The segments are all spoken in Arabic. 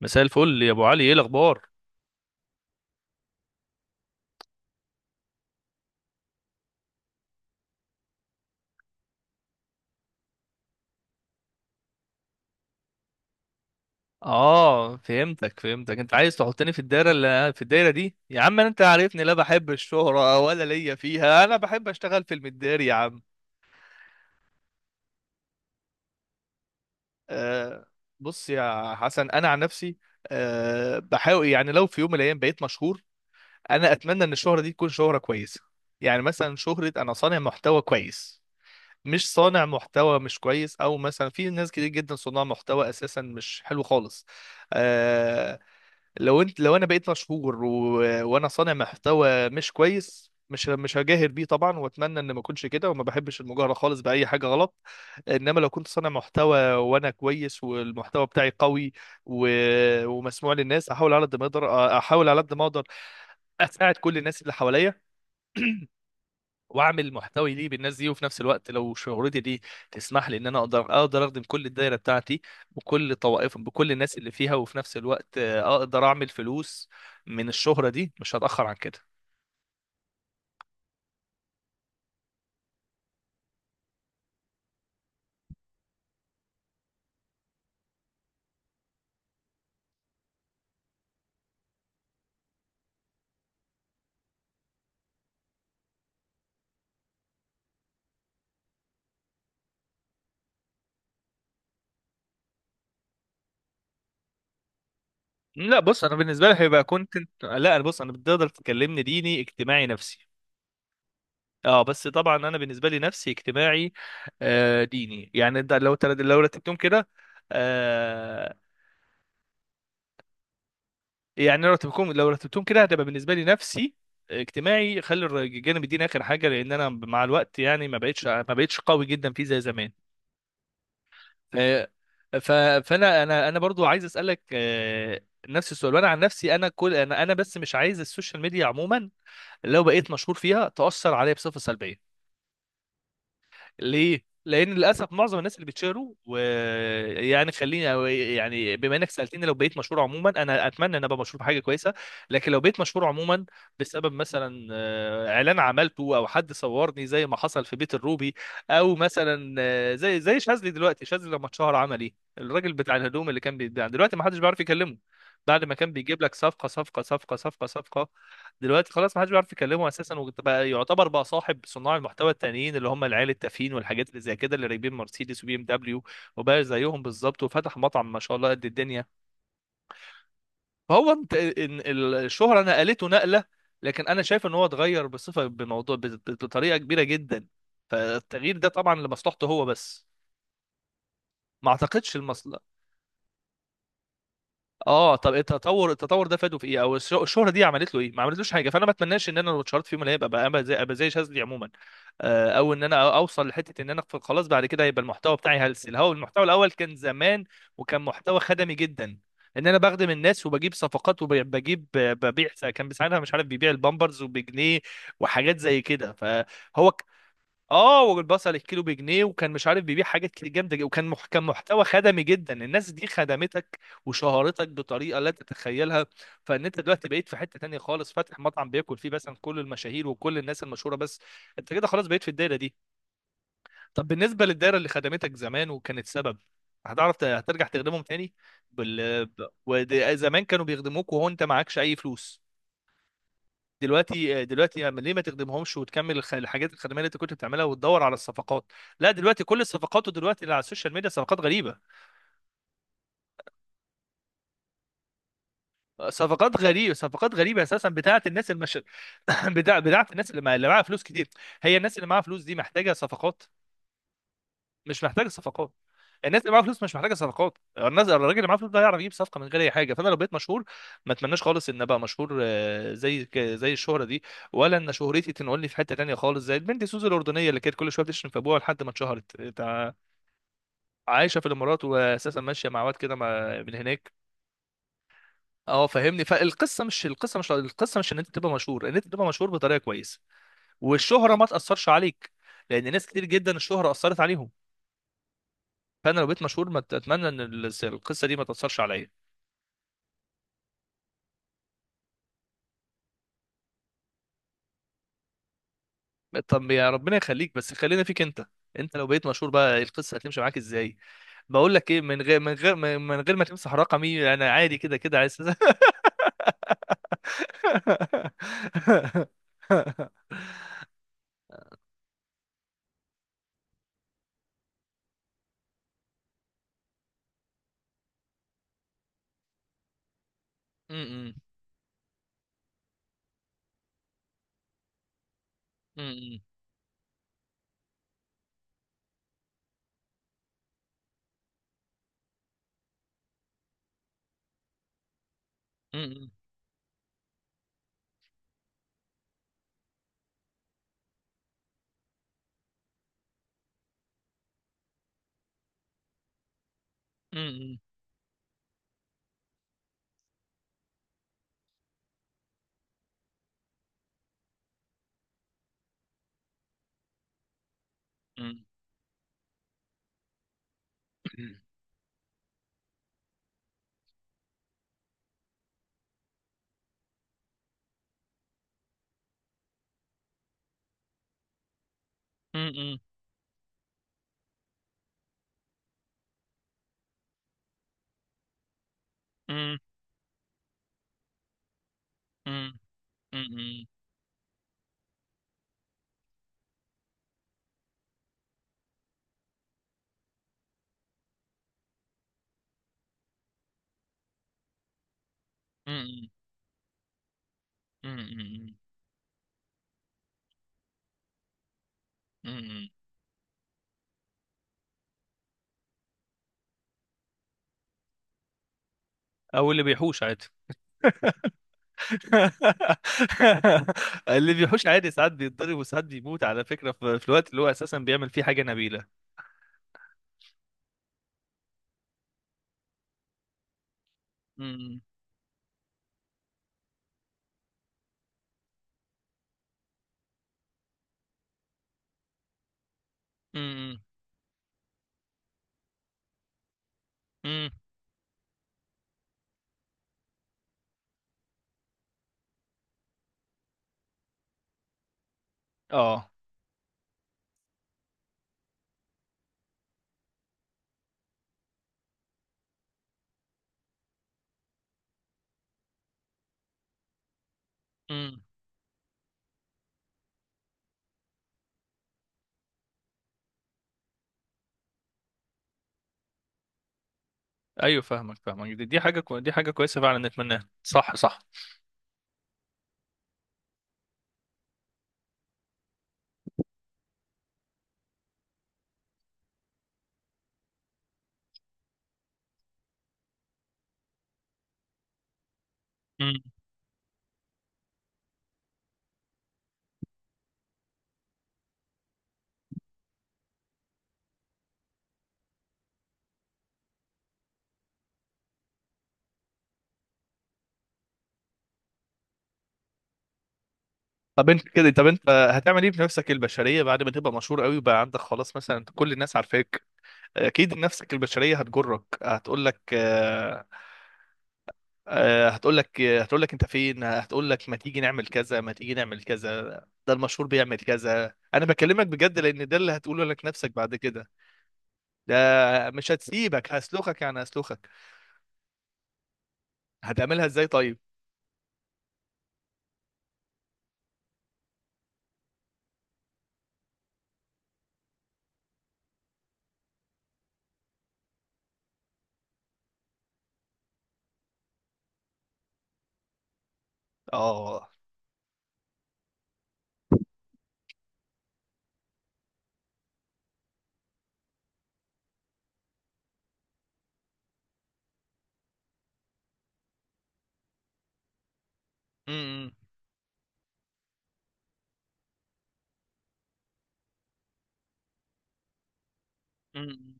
مساء الفل يا ابو علي، ايه الاخبار؟ اه فهمتك فهمتك، انت عايز تحطني في الدايره، في الدايره دي يا عم. انت عارفني، لا بحب الشهره ولا ليا فيها، انا بحب اشتغل في المداري يا عم. آه بص يا حسن، انا عن نفسي بحاول، يعني لو في يوم من الايام بقيت مشهور، انا اتمنى ان الشهره دي تكون شهره كويسه. يعني مثلا شهره انا صانع محتوى كويس، مش صانع محتوى مش كويس، او مثلا في ناس كتير جدا صناع محتوى اساسا مش حلو خالص. آه، لو انا بقيت مشهور وانا صانع محتوى مش كويس، مش هجاهر بيه طبعا، واتمنى ان ما اكونش كده، وما بحبش المجاهره خالص باي حاجه غلط. انما لو كنت صانع محتوى وانا كويس والمحتوى بتاعي قوي و... ومسموع للناس، احاول على قد ما اقدر، احاول على قد ما اقدر اساعد كل الناس اللي حواليا، واعمل محتوي ليه بالناس دي. وفي نفس الوقت لو شهرتي دي تسمح لي ان انا اقدر اخدم كل الدايره بتاعتي، وكل طوائف بكل الناس اللي فيها. وفي نفس الوقت اقدر اعمل فلوس من الشهره دي، مش هتاخر عن كده. لا بص انا بالنسبه لي هيبقى كونتنت لا بص، انا بتقدر تكلمني ديني، اجتماعي، نفسي. اه بس طبعا انا بالنسبه لي نفسي، اجتماعي، ديني. يعني ده لو لو رتبتهم كده، يعني لو رتبتهم كده هتبقى بالنسبه لي نفسي، اجتماعي. خلي الجانب الديني اخر حاجه، لان انا مع الوقت يعني ما بقتش قوي جدا فيه زي زمان. آه، ف فانا انا انا برضو عايز اسالك نفس السؤال. وانا عن نفسي، انا كل انا انا بس، مش عايز السوشيال ميديا عموما. لو بقيت مشهور فيها، تاثر عليا بصفه سلبيه. ليه؟ لان للاسف معظم الناس اللي بتشهروا، ويعني خليني، أو يعني بما انك سالتني، لو بقيت مشهور عموما، انا اتمنى ان ابقى مشهور بحاجه كويسه. لكن لو بقيت مشهور عموما بسبب مثلا اعلان عملته، او حد صورني زي ما حصل في بيت الروبي، او مثلا زي شاذلي. دلوقتي شاذلي لما اتشهر عمل ايه؟ الراجل بتاع الهدوم اللي كان بيتباع، دلوقتي ما حدش بيعرف يكلمه، بعد ما كان بيجيب لك صفقه صفقه صفقه صفقه صفقه. دلوقتي خلاص ما حدش بيعرف يكلمه اساسا، وبقى يعتبر بقى صاحب صناع المحتوى التانيين، اللي هم العيال التافهين والحاجات اللي زي كده، اللي راكبين مرسيدس وبي ام دبليو، وبقى زيهم بالظبط، وفتح مطعم ما شاء الله قد الدنيا. فهو انت، إن الشهرة نقلته نقلة. لكن انا شايف ان هو اتغير بطريقة كبيرة جدا. فالتغيير ده طبعا لمصلحته هو بس، ما اعتقدش. اه، طب التطور، ده فاده في ايه؟ او الشهره دي عملت له ايه؟ ما عملتلوش حاجه. فانا ما اتمناش ان انا لو اتشهرت في يوم من الايام ابقى زي شاذلي عموما. او ان انا اوصل لحته ان انا خلاص بعد كده هيبقى المحتوى بتاعي هلس. هو المحتوى الاول كان زمان، وكان محتوى خدمي جدا، ان انا بخدم الناس وبجيب صفقات، ببيع. كان ساعتها مش عارف بيبيع البامبرز وبجنيه، وحاجات زي كده. فهو، اه، والبصل الكيلو بجنيه، وكان مش عارف بيبيع حاجات كتير جامده جدا. وكان كان محتوى خدمي جدا. الناس دي خدمتك وشهرتك بطريقه لا تتخيلها. فان انت دلوقتي بقيت في حته تانية خالص، فاتح مطعم بياكل فيه مثلا كل المشاهير وكل الناس المشهوره بس. انت كده خلاص بقيت في الدايره دي. طب بالنسبه للدايره اللي خدمتك زمان وكانت سبب، هتعرف هترجع تخدمهم تاني؟ زمان كانوا بيخدموك وهو انت معكش اي فلوس. دلوقتي، أما ليه ما تخدمهمش، وتكمل الحاجات الخدميه اللي انت كنت بتعملها، وتدور على الصفقات؟ لا، دلوقتي كل الصفقات دلوقتي اللي على السوشيال ميديا، صفقات غريبه اساسا، بتاعه الناس المش بتاعه الناس اللي معاها فلوس كتير. هي الناس اللي معاها فلوس دي محتاجه صفقات؟ مش محتاج صفقات. الناس اللي معاها فلوس مش محتاجه صفقات. الناس، الراجل اللي معاه فلوس ده هيعرف يجيب صفقه من غير اي حاجه. فانا لو بقيت مشهور، ما اتمناش خالص ان ابقى مشهور، زي الشهره دي، ولا ان شهرتي تنقلني في حته تانيه خالص، زي البنت سوزي الاردنيه اللي كانت كل شويه بتشتم في ابوها لحد ما اتشهرت عايشه في الامارات، واساسا ماشيه مع واد كده من هناك. اه فاهمني، فالقصه مش ان انت تبقى مشهور بطريقه كويسه، والشهره ما تاثرش عليك، لان ناس كتير جدا الشهره اثرت عليهم. فانا لو بقيت مشهور، ما اتمنى ان القصه دي ما تاثرش عليا. طب يا ربنا يخليك، بس خلينا فيك انت، انت لو بقيت مشهور بقى، القصه هتمشي معاك ازاي؟ بقول لك ايه، من غير ما تمسح رقمي، انا عادي كده كده عايز م- م- م- م- م- م- م- م- م- م- م- م- م- م- م- م- م- م- م- او اللي بيحوش عادي. اللي بيحوش عادي ساعات بيتضرب وساعات بيموت، على فكرة، في الوقت اللي هو أساسا بيعمل فيه حاجة نبيلة. امم. امم. امم. اه. امم. ايوه، فاهمك فاهمك، دي حاجة كويسة فعلا نتمناها. صح صح. امم. طب انت هتعمل ايه بنفسك البشرية بعد ما تبقى مشهور قوي وبقى عندك خلاص مثلا كل الناس عارفاك؟ اكيد نفسك البشرية هتجرك، هتقول لك هتقول لك انت فين، هتقول لك ما تيجي نعمل كذا، ما تيجي نعمل كذا، ده المشهور بيعمل كذا. انا بكلمك بجد، لان ده اللي هتقوله لك نفسك بعد كده. ده، مش هتسيبك، هسلخك يعني هسلخك. هتعملها ازاي طيب؟ اه. امم. امم.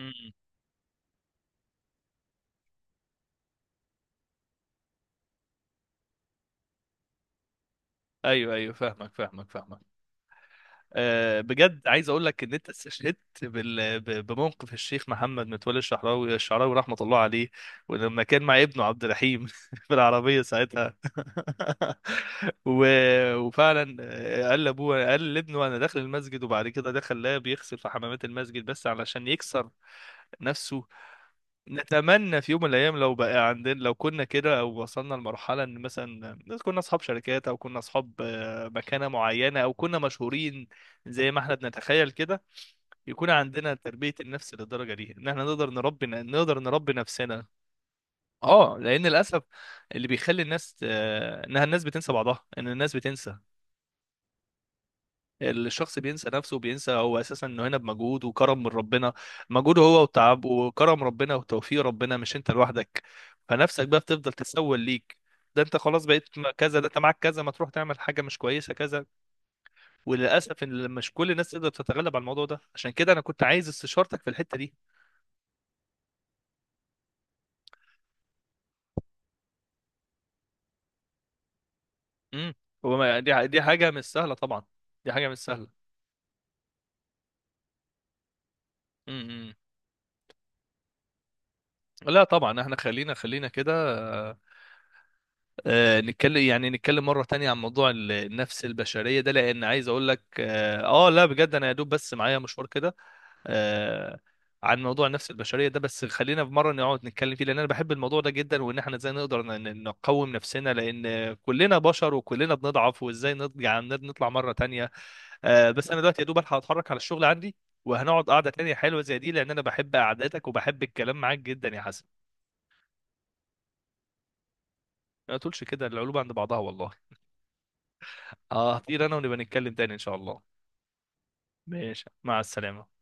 أمم. ايوه ايوه، فاهمك فاهمك فاهمك. بجد عايز اقول لك ان انت استشهدت بموقف الشيخ محمد متولي الشعراوي رحمه الله عليه، ولما كان مع ابنه عبد الرحيم في العربيه ساعتها. وفعلا قال لابنه انا داخل المسجد، وبعد كده دخل لا بيغسل في حمامات المسجد بس علشان يكسر نفسه. نتمنى في يوم من الايام لو بقى عندنا، لو كنا كده او وصلنا لمرحله ان مثلا كنا اصحاب شركات، او كنا اصحاب مكانه معينه، او كنا مشهورين، زي ما احنا بنتخيل كده، يكون عندنا تربيه النفس للدرجه دي، ان احنا نقدر نربي نفسنا. اه لان للاسف، اللي بيخلي الناس انها الناس بتنسى بعضها، ان الناس بتنسى. الشخص بينسى نفسه، وبينسى هو اساسا انه هنا بمجهود وكرم من ربنا، مجهوده هو وتعب، وكرم ربنا وتوفيق ربنا، مش انت لوحدك. فنفسك بقى بتفضل تسول ليك: ده انت خلاص بقيت كذا، ده انت معاك كذا، ما تروح تعمل حاجه مش كويسه كذا. وللاسف ان مش كل الناس تقدر تتغلب على الموضوع ده، عشان كده انا كنت عايز استشارتك في الحته دي. امم. هو دي حاجه مش سهله طبعا، دي حاجه مش سهله. امم. امم. لا طبعا احنا خلينا خلينا كده نتكلم، يعني نتكلم مرة تانية عن موضوع النفس البشرية ده، لأن عايز أقول لك لا بجد أنا يا دوب بس معايا مشوار كده. آه عن موضوع النفس البشرية ده، بس خلينا في مرة نقعد نتكلم فيه، لأن أنا بحب الموضوع ده جدا، وإن إحنا إزاي نقدر نقوم نفسنا، لأن كلنا بشر وكلنا بنضعف، وإزاي يعني نطلع مرة تانية. بس أنا دلوقتي يا دوب ألحق أتحرك على الشغل عندي، وهنقعد قعدة تانية حلوة زي دي، لأن أنا بحب قعداتك وبحب الكلام معاك جدا يا حسن. ما تقولش كده، القلوب عند بعضها والله. اه، هطير انا، ونبقى نتكلم تاني ان شاء الله. ماشي، مع السلامة.